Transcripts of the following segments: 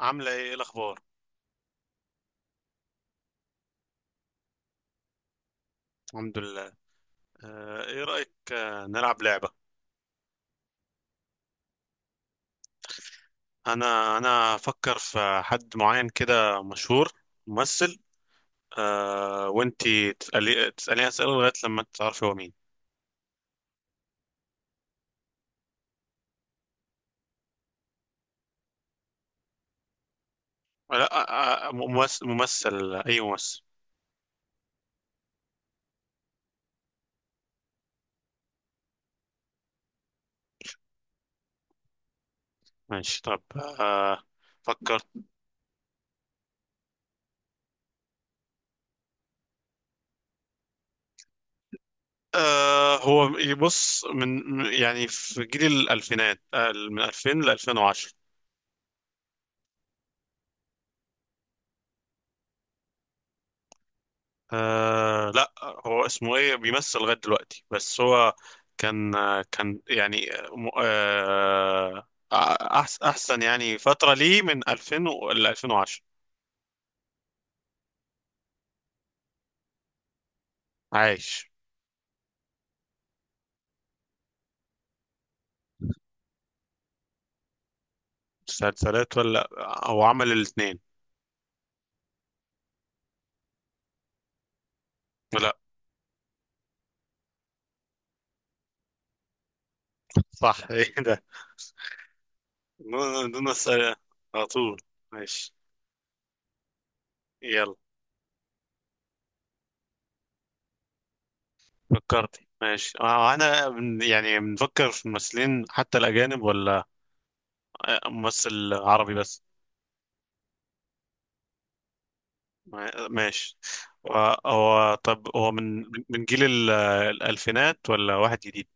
عاملة إيه الأخبار؟ الحمد لله. ايه رأيك، نلعب لعبة؟ أنا أفكر في حد معين كده مشهور. ممثل. وانتي تسأليني أسئلة لغاية لما تعرفي هو مين. لا. ممثل أي ممثل. ماشي. طب، فكرت. هو يبص من يعني في جيل الألفينات، من 2000 ل 2010. لا. هو اسمه ايه بيمثل لغاية دلوقتي، بس هو كان. كان يعني احسن يعني فترة ليه من 2000 ل 2010. عايش. مسلسلات ولا او عمل الاثنين. لا. صح ايه ده؟ دون اسئلة على طول. ماشي. يلا. فكرت. ماشي. انا يعني بنفكر في ممثلين حتى الاجانب، ولا ممثل عربي بس؟ ماشي. هو طب هو من من جيل الألفينات ولا واحد جديد؟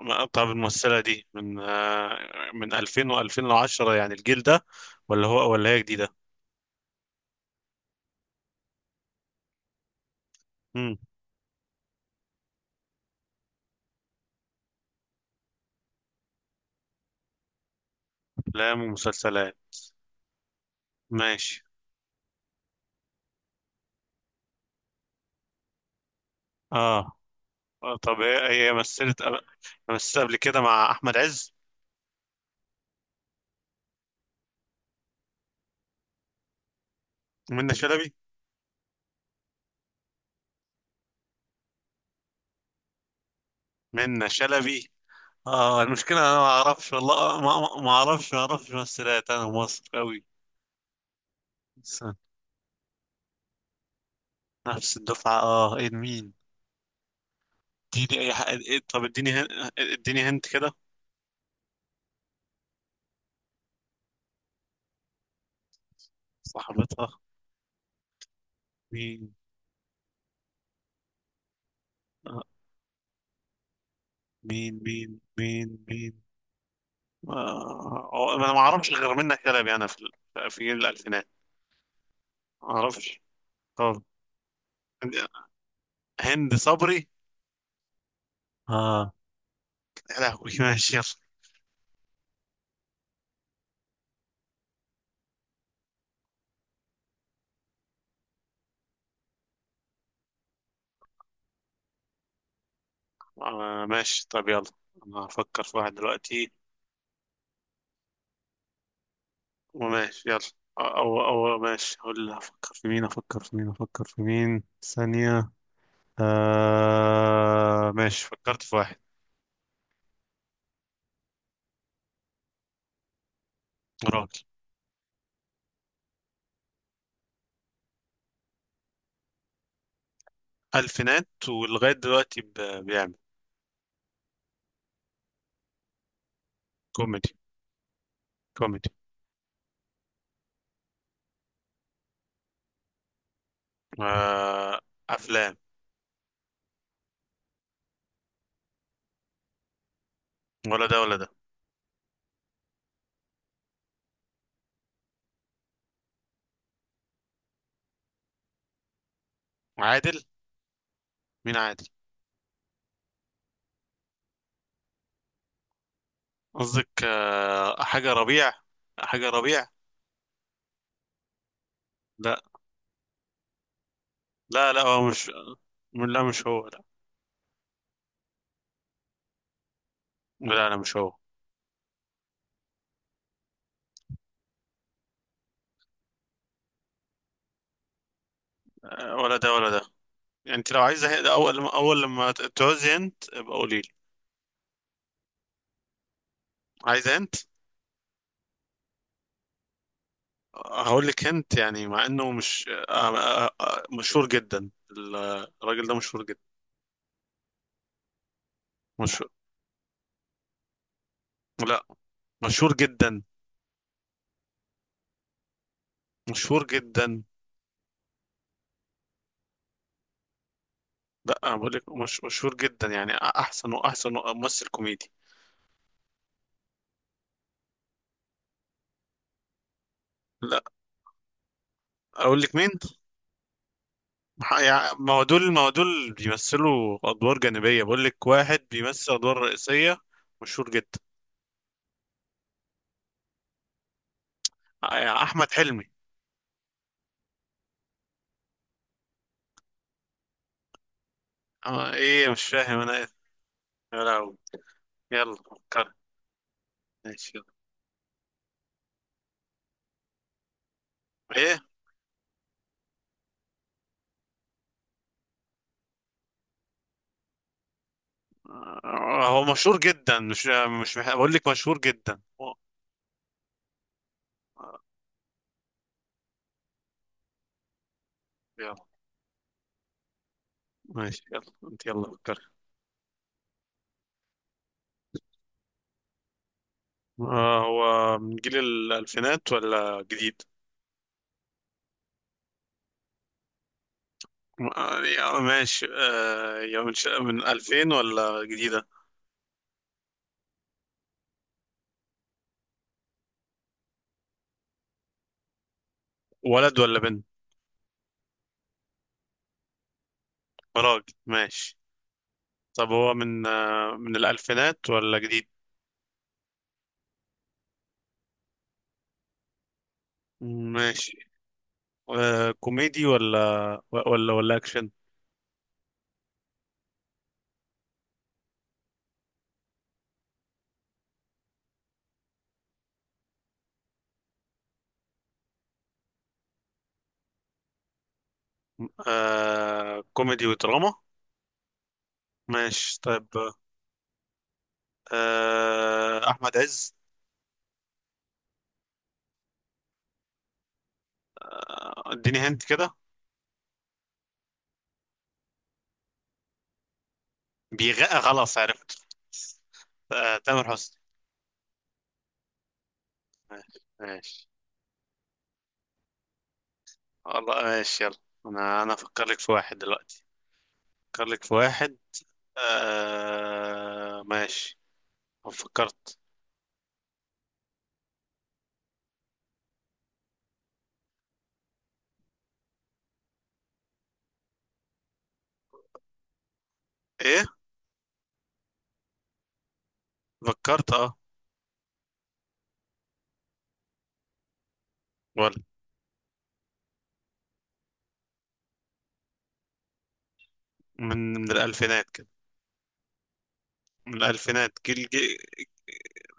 طب الممثلة دي من 2000 و2010 يعني الجيل ده، ولا هو ولا هي جديدة؟ امم أفلام ومسلسلات. ماشي. اه. طب هي مثلت قبل كده مع أحمد عز. منة شلبي. منة شلبي. اه، المشكلة أنا ما أعرفش والله، ما ما ما أعرفش، ممثلات، أنا مصر أوي. بس نفس الدفعة. اه، ايه؟ مين؟ اديني اي حاجة. طب اديني اديني هنت كده. صاحبتها. مين؟ آه، مين؟ هو انا ما اعرفش غير منة كلب يعني في في جيل الالفينات، ما اعرفش. طب، هند صبري. اه. يا لهوي ماشي. يلا. ماشي. طب يلا، انا هفكر في واحد دلوقتي. وماشي يلا. او ماشي اقول، افكر في مين ثانية. ماشي. فكرت في واحد. الفينات ولغايه دلوقتي بيعمل. كوميدي. كوميدي. آه افلام. ولا ده ولا ده. عادل. مين عادل؟ قصدك حاجه ربيع؟ حاجه ربيع. لا. لا، لا هو مش. لا، مش هو. لا. لا، لا، مش هو. ولا ده ولا ده. يعني انت لو عايزه، ده اول اول لما تعوزي انت ابقى قولي لي. عايزه انت. هقول لك انت، يعني مع انه مش مشهور جدا. الراجل ده مشهور جدا. مشهور. لا. مشهور جدا. مشهور جدا. لا، أنا بقول لك مش مشهور جدا يعني، احسن واحسن ممثل كوميدي. لا. اقول لك مين؟ ما هو دول، بيمثلوا ادوار جانبيه، بقول لك واحد بيمثل ادوار رئيسيه، مشهور جدا. احمد حلمي. ايه؟ مش فاهم انا ايه. يا لهوي. يلا فكر. ماشي يلا. ايه؟ هو مشهور جدا، مش بقول لك مشهور جدا. آه، يلا. ماشي يلا انت، يلا فكر. هو من جيل الألفينات ولا جديد؟ يعني، ماشي. يا من من 2000 ولا جديدة؟ ولد ولا بنت؟ راجل. ماشي. طب هو من الألفينات ولا جديد؟ ماشي. كوميدي ولا ولا أكشن؟ كوميدي ودراما. ماشي. طيب. أحمد عز؟ اديني هنت كده. بيغقى خلاص عرفت. تامر حسني. ماشي. ماشي والله. ماشي يلا. أنا أفكر لك في واحد دلوقتي. أفكر لك في واحد. ماشي. أنا فكرت. ايه؟ فكرت. اه. ولا. من الالفينات كده. من الالفينات. جيل.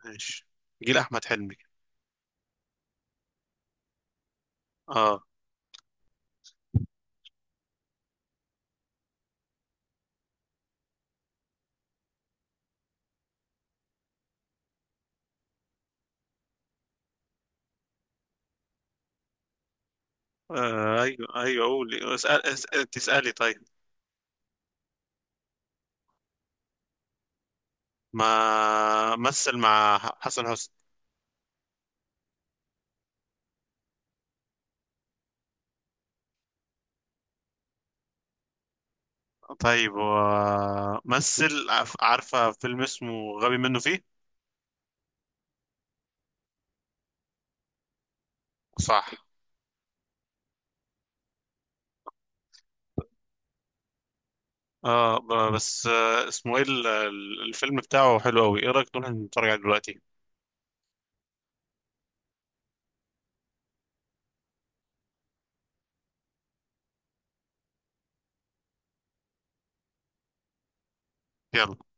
ماشي. جيل احمد حلمي. اه. ايوه، ايوه. قولي. اسال اسال تسالي طيب. ما مثل مع حسن حسني. طيب، مثل. عارفه فيلم اسمه غبي منه فيه. صح. اه، بس اسمه ايه الفيلم بتاعه حلو قوي. ايه رايك نروح نتفرج عليه دلوقتي؟ يلا.